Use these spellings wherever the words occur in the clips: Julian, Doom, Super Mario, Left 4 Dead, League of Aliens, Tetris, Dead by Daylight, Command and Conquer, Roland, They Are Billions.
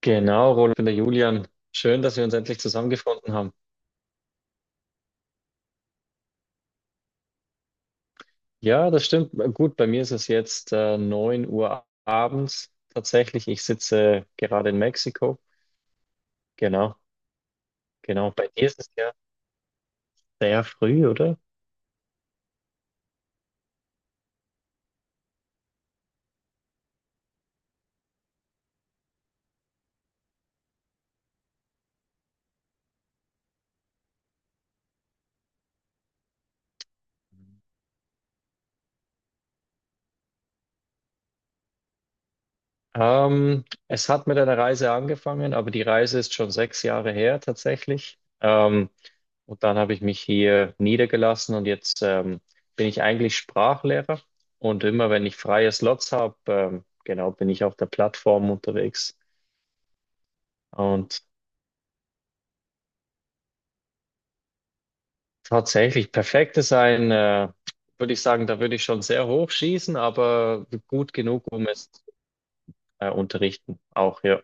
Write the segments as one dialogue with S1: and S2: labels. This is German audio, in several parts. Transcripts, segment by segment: S1: Genau, Roland, ich bin der Julian. Schön, dass wir uns endlich zusammengefunden haben. Ja, das stimmt. Gut, bei mir ist es jetzt 9 Uhr abends tatsächlich. Ich sitze gerade in Mexiko. Genau, genau. Bei dir ist es ja sehr früh, oder? Es hat mit einer Reise angefangen, aber die Reise ist schon 6 Jahre her tatsächlich. Und dann habe ich mich hier niedergelassen und jetzt bin ich eigentlich Sprachlehrer. Und immer wenn ich freie Slots habe, genau, bin ich auf der Plattform unterwegs. Und tatsächlich perfektes ein, würde ich sagen, da würde ich schon sehr hoch schießen, aber gut genug, um es unterrichten. Auch ja.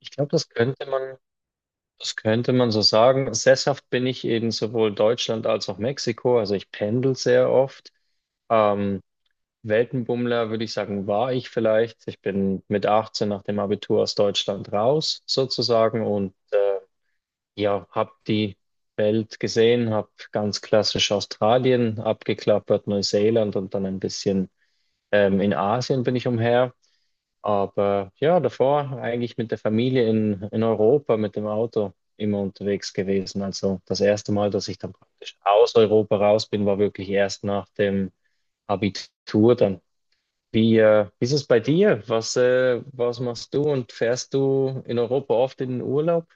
S1: Ich glaube, das könnte man so sagen. Sesshaft bin ich in sowohl Deutschland als auch Mexiko. Also ich pendel sehr oft. Ähm, Weltenbummler, würde ich sagen, war ich vielleicht. Ich bin mit 18 nach dem Abitur aus Deutschland raus, sozusagen, und ja, habe die Welt gesehen, habe ganz klassisch Australien abgeklappert, Neuseeland und dann ein bisschen in Asien bin ich umher. Aber ja, davor eigentlich mit der Familie in Europa mit dem Auto immer unterwegs gewesen. Also das erste Mal, dass ich dann praktisch aus Europa raus bin, war wirklich erst nach dem Abitur dann. Wie, wie ist es bei dir? Was, was machst du und fährst du in Europa oft in den Urlaub?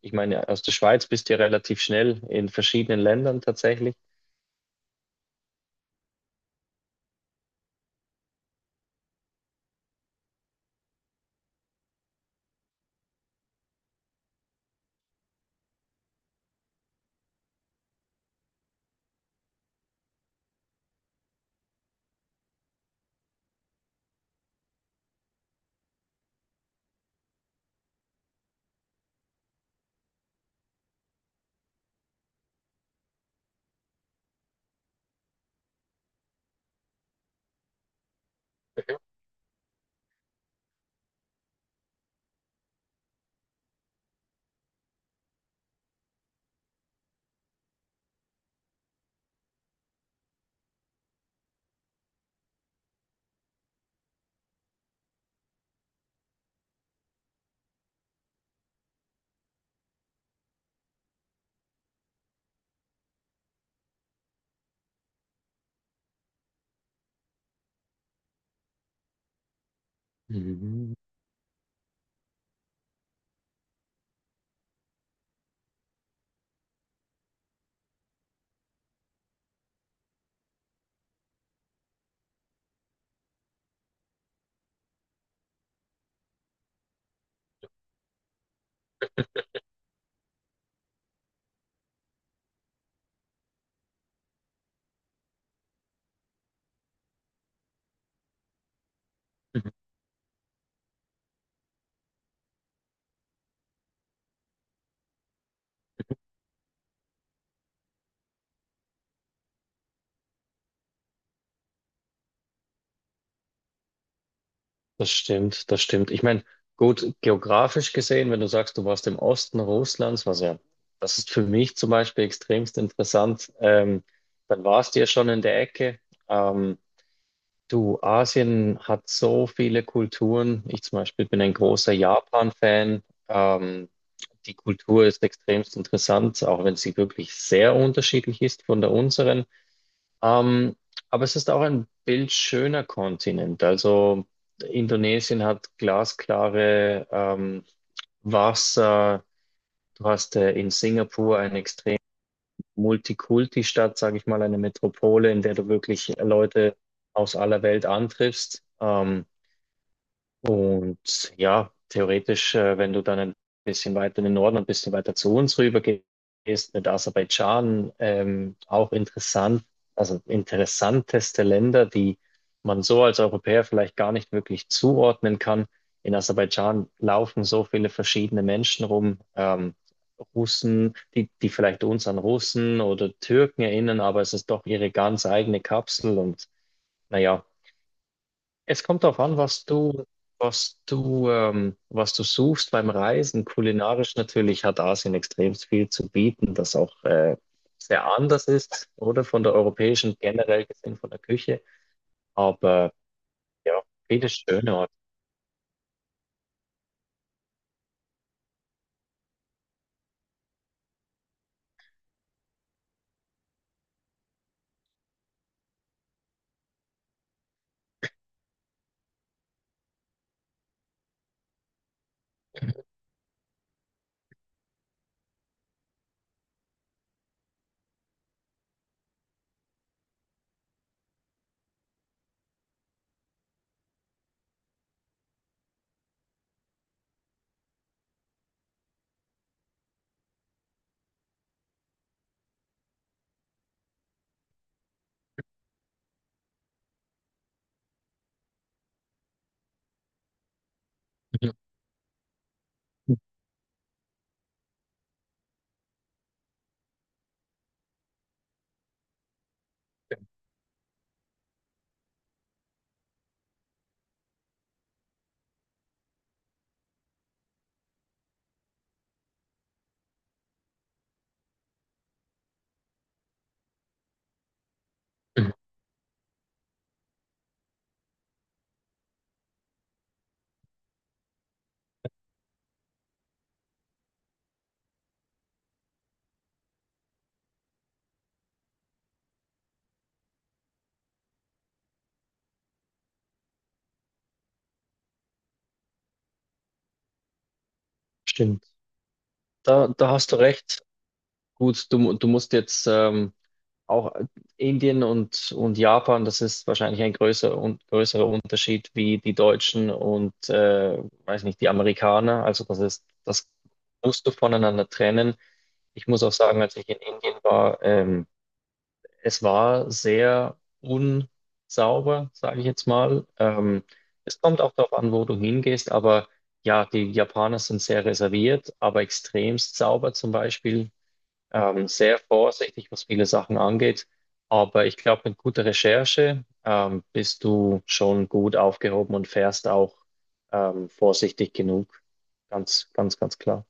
S1: Ich meine, aus der Schweiz bist du ja relativ schnell in verschiedenen Ländern tatsächlich. Mhm. Das stimmt, das stimmt. Ich meine, gut, geografisch gesehen, wenn du sagst, du warst im Osten Russlands, was ja, das ist für mich zum Beispiel extremst interessant, dann warst du ja schon in der Ecke. Ähm, Du, Asien hat so viele Kulturen. Ich zum Beispiel bin ein großer Japan-Fan. Ähm, die Kultur ist extremst interessant, auch wenn sie wirklich sehr unterschiedlich ist von der unseren. Ähm, aber es ist auch ein bildschöner Kontinent. Also Indonesien hat glasklare Wasser. Du hast in Singapur ein extrem Multikulti-Stadt, sage ich mal, eine Metropole, in der du wirklich Leute aus aller Welt antriffst. Und ja, theoretisch, wenn du dann ein bisschen weiter in den Norden und ein bisschen weiter zu uns rüber gehst, mit Aserbaidschan, auch interessant, also interessanteste Länder, die man so als Europäer vielleicht gar nicht wirklich zuordnen kann. In Aserbaidschan laufen so viele verschiedene Menschen rum, Russen, die vielleicht uns an Russen oder Türken erinnern, aber es ist doch ihre ganz eigene Kapsel und naja, es kommt darauf an, was du, was du, was du suchst beim Reisen. Kulinarisch natürlich hat Asien extrem viel zu bieten, das auch sehr anders ist, oder von der europäischen generell gesehen, von der Küche. Aber ja, viele schöne Orte. Mhm. Stimmt. Da hast du recht. Gut, du, mu- du musst jetzt auch Indien und Japan, das ist wahrscheinlich ein größer, un, größerer Unterschied wie die Deutschen und, weiß nicht, die Amerikaner. Also das ist, das musst du voneinander trennen. Ich muss auch sagen, als ich in Indien war, es war sehr unsauber, sage ich jetzt mal. Es kommt auch darauf an, wo du hingehst, aber ja, die Japaner sind sehr reserviert, aber extremst sauber zum Beispiel sehr vorsichtig, was viele Sachen angeht. Aber ich glaube, mit guter Recherche bist du schon gut aufgehoben und fährst auch vorsichtig genug. Ganz, ganz, ganz klar.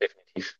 S1: Definitiv.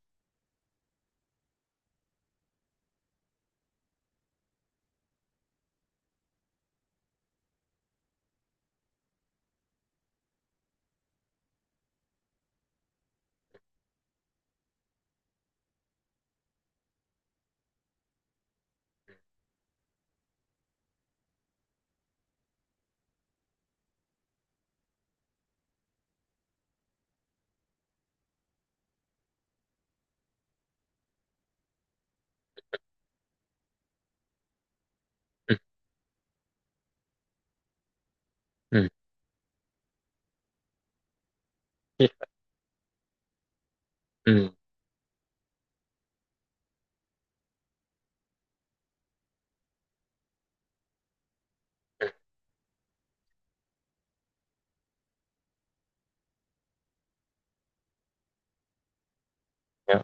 S1: Mhm. Mhm. Ja.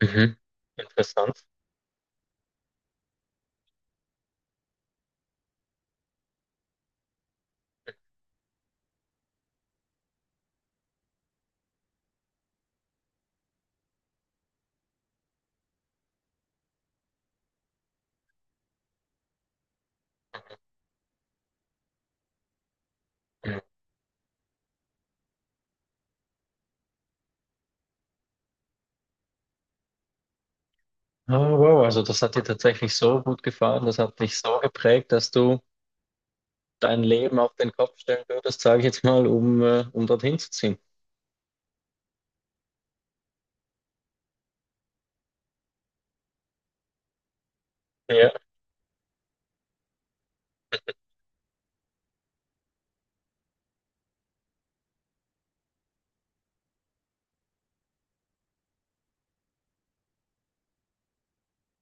S1: Mhm. Interessant. Mhm. Oh, wow, also das hat dir tatsächlich so gut gefallen, das hat dich so geprägt, dass du dein Leben auf den Kopf stellen würdest, sage ich jetzt mal, um, um dorthin zu ziehen. Ja.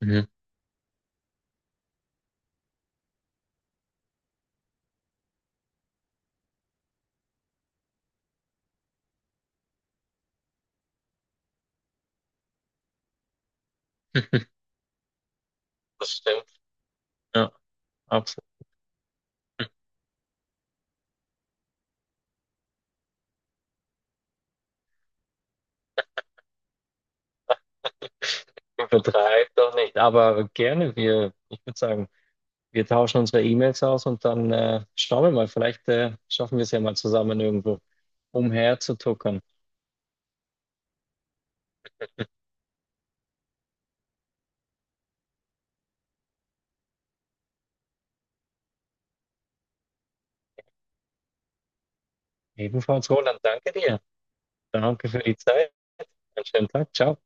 S1: Mhm. Das stimmt. Ja, absolut. Übertreib doch nicht, aber gerne. Wir, ich würde sagen, wir tauschen unsere E-Mails aus und dann schauen wir mal. Vielleicht schaffen wir es ja mal zusammen irgendwo umherzutuckern. Ebenfalls, Roland, danke dir. Danke für die Zeit. Einen schönen Tag. Ciao.